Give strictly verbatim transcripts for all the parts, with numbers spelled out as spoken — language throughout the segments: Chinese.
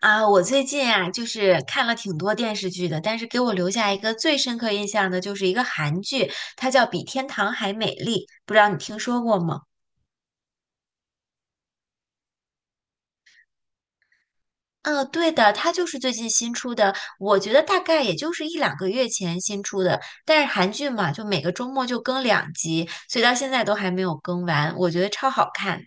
啊，我最近啊，就是看了挺多电视剧的，但是给我留下一个最深刻印象的，就是一个韩剧，它叫《比天堂还美丽》，不知道你听说过吗？嗯，对的，它就是最近新出的，我觉得大概也就是一两个月前新出的。但是韩剧嘛，就每个周末就更两集，所以到现在都还没有更完，我觉得超好看的。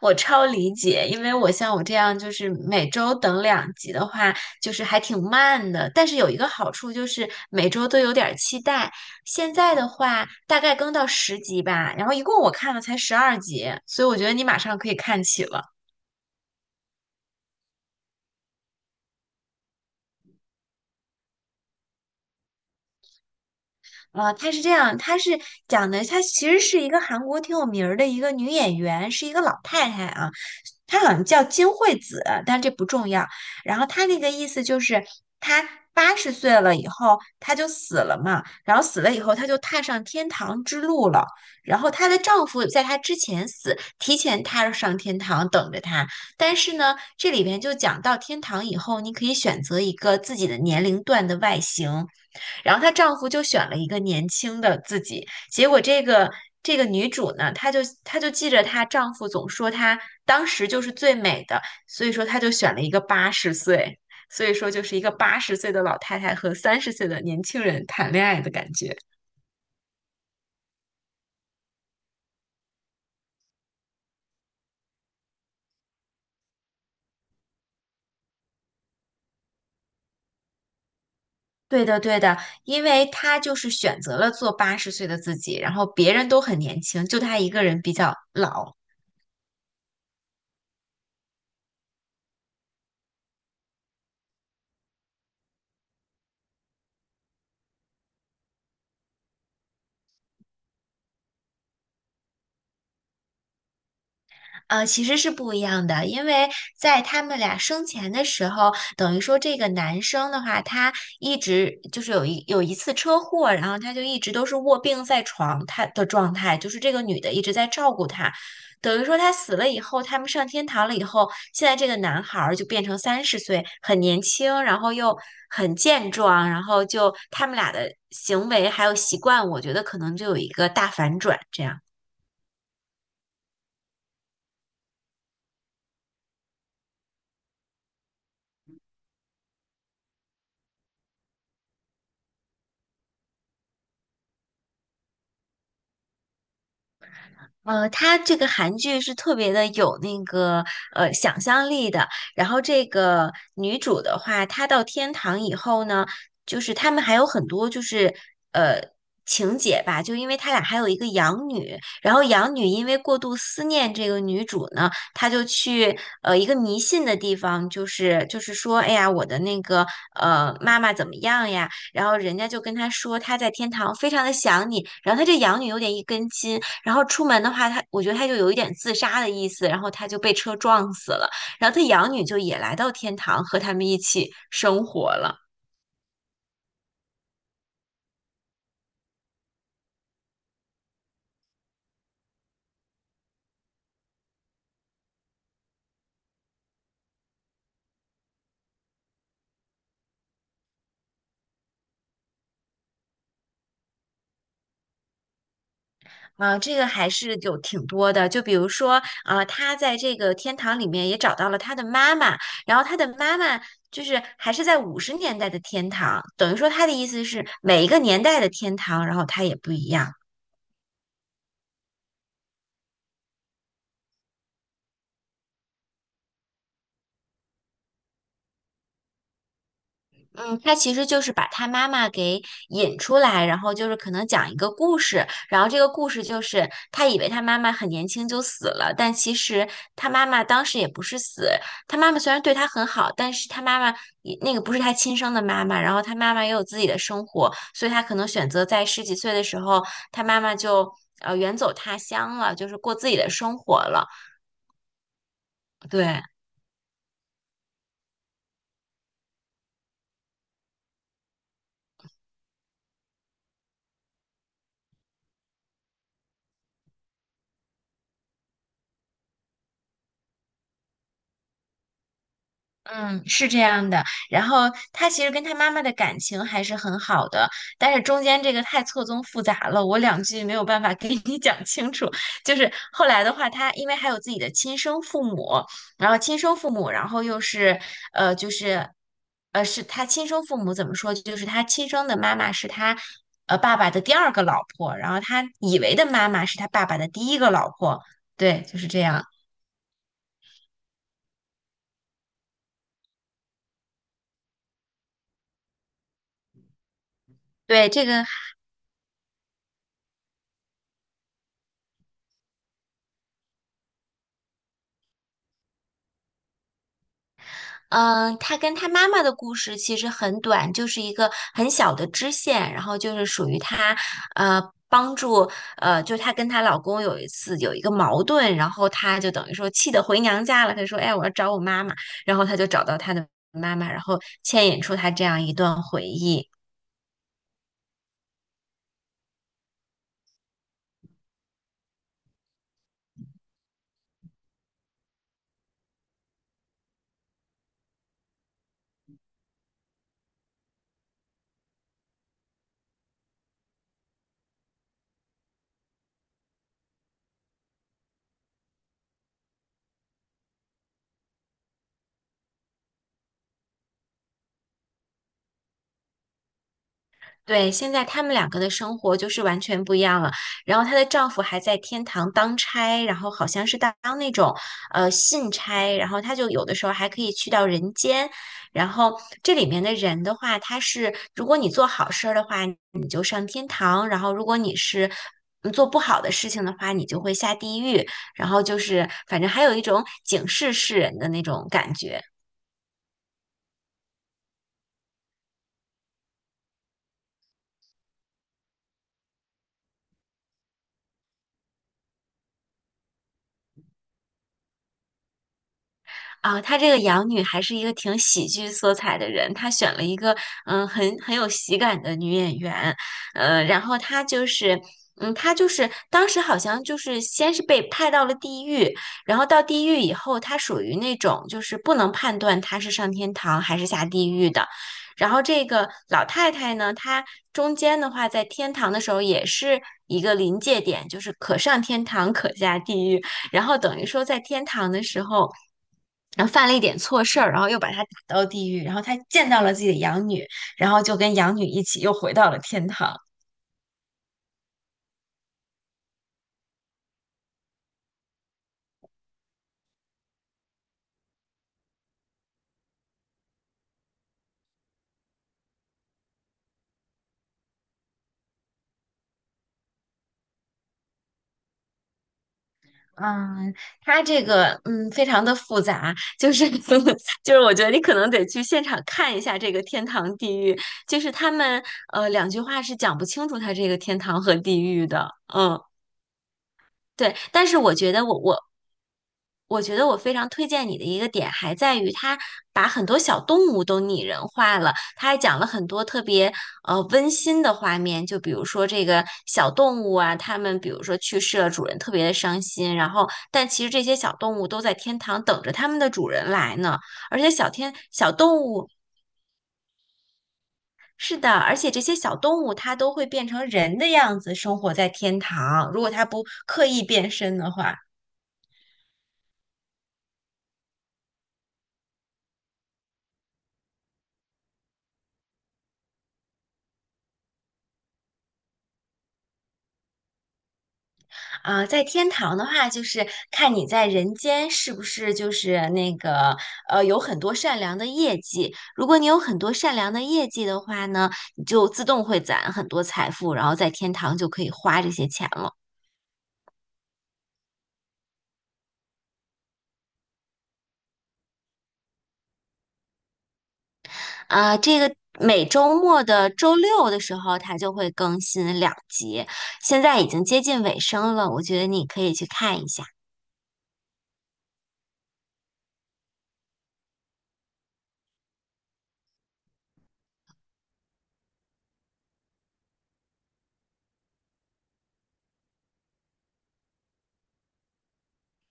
我超理解，因为我像我这样，就是每周等两集的话，就是还挺慢的。但是有一个好处就是每周都有点儿期待。现在的话，大概更到十集吧，然后一共我看了才十二集，所以我觉得你马上可以看起了。啊，她是这样，她是讲的，她其实是一个韩国挺有名儿的一个女演员，是一个老太太啊，她好像叫金惠子，但这不重要。然后她那个意思就是，她八十岁了以后，她就死了嘛，然后死了以后，她就踏上天堂之路了。然后她的丈夫在她之前死，提前踏上天堂等着她。但是呢，这里边就讲到天堂以后，你可以选择一个自己的年龄段的外形。然后她丈夫就选了一个年轻的自己，结果这个这个女主呢，她就她就记着她丈夫总说她当时就是最美的，所以说她就选了一个八十岁，所以说就是一个八十岁的老太太和三十岁的年轻人谈恋爱的感觉。对的，对的，因为她就是选择了做八十岁的自己，然后别人都很年轻，就她一个人比较老。呃，其实是不一样的，因为在他们俩生前的时候，等于说这个男生的话，他一直就是有一有一次车祸，然后他就一直都是卧病在床，他的状态就是这个女的一直在照顾他，等于说他死了以后，他们上天堂了以后，现在这个男孩儿就变成三十岁，很年轻，然后又很健壮，然后就他们俩的行为还有习惯，我觉得可能就有一个大反转，这样。呃，它这个韩剧是特别的有那个呃想象力的。然后这个女主的话，她到天堂以后呢，就是他们还有很多就是呃情节吧，就因为他俩还有一个养女，然后养女因为过度思念这个女主呢，她就去呃一个迷信的地方，就是就是说，哎呀，我的那个呃妈妈怎么样呀？然后人家就跟她说，她在天堂非常的想你，然后她这养女有点一根筋。然后出门的话，他我觉得他就有一点自杀的意思，然后他就被车撞死了。然后他养女就也来到天堂和他们一起生活了。啊，这个还是有挺多的，就比如说，啊，他在这个天堂里面也找到了他的妈妈，然后他的妈妈就是还是在五十年代的天堂，等于说他的意思是每一个年代的天堂，然后它也不一样。嗯，他其实就是把他妈妈给引出来，然后就是可能讲一个故事，然后这个故事就是他以为他妈妈很年轻就死了，但其实他妈妈当时也不是死，他妈妈虽然对他很好，但是他妈妈也那个不是他亲生的妈妈，然后他妈妈也有自己的生活，所以他可能选择在十几岁的时候，他妈妈就呃远走他乡了，就是过自己的生活了，对。嗯，是这样的。然后他其实跟他妈妈的感情还是很好的，但是中间这个太错综复杂了，我两句没有办法给你讲清楚。就是后来的话，他因为还有自己的亲生父母，然后亲生父母，然后又是呃，就是呃，是他亲生父母怎么说？就是他亲生的妈妈是他呃爸爸的第二个老婆，然后他以为的妈妈是他爸爸的第一个老婆。对，就是这样。对，这个。嗯，她跟她妈妈的故事其实很短，就是一个很小的支线，然后就是属于她，呃，帮助，呃，就她跟她老公有一次有一个矛盾，然后她就等于说气得回娘家了，她说，哎，我要找我妈妈，然后她就找到她的妈妈，然后牵引出她这样一段回忆。对，现在他们两个的生活就是完全不一样了。然后她的丈夫还在天堂当差，然后好像是当那种呃信差，然后她就有的时候还可以去到人间。然后这里面的人的话，他是如果你做好事儿的话，你就上天堂；然后如果你是嗯做不好的事情的话，你就会下地狱。然后就是反正还有一种警示世人的那种感觉。啊，她这个养女还是一个挺喜剧色彩的人，她选了一个嗯很很有喜感的女演员，呃，然后她就是。嗯，她就是当时好像就是先是被派到了地狱，然后到地狱以后，她属于那种就是不能判断她是上天堂还是下地狱的。然后这个老太太呢，她中间的话在天堂的时候也是一个临界点，就是可上天堂可下地狱。然后等于说在天堂的时候，然后犯了一点错事儿，然后又把他打到地狱，然后他见到了自己的养女，然后就跟养女一起又回到了天堂。嗯，他这个嗯非常的复杂，就是 就是我觉得你可能得去现场看一下这个天堂地狱，就是他们呃两句话是讲不清楚他这个天堂和地狱的，嗯。对，但是我觉得我我我觉得我非常推荐你的一个点，还在于他把很多小动物都拟人化了，他还讲了很多特别呃温馨的画面，就比如说这个小动物啊，它们比如说去世了，主人特别的伤心，然后但其实这些小动物都在天堂等着它们的主人来呢，而且小天小动物。是的，而且这些小动物它都会变成人的样子生活在天堂，如果它不刻意变身的话。啊，在天堂的话，就是看你在人间是不是就是那个呃，有很多善良的业绩。如果你有很多善良的业绩的话呢，你就自动会攒很多财富，然后在天堂就可以花这些钱了。啊，这个每周末的周六的时候，它就会更新两集，现在已经接近尾声了，我觉得你可以去看一下。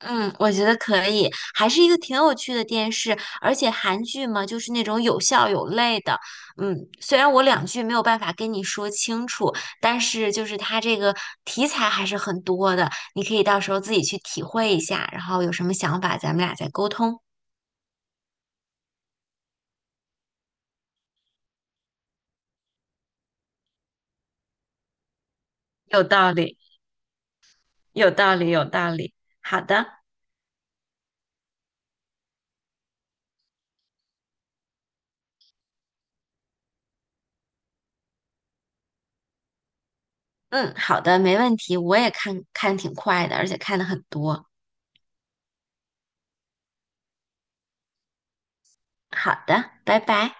嗯，我觉得可以，还是一个挺有趣的电视，而且韩剧嘛，就是那种有笑有泪的。嗯，虽然我两句没有办法跟你说清楚，但是就是它这个题材还是很多的，你可以到时候自己去体会一下，然后有什么想法咱们俩再沟通。有道理，有道理，有道理。好的，嗯，好的，没问题。我也看看挺快的，而且看的很多。好的，拜拜。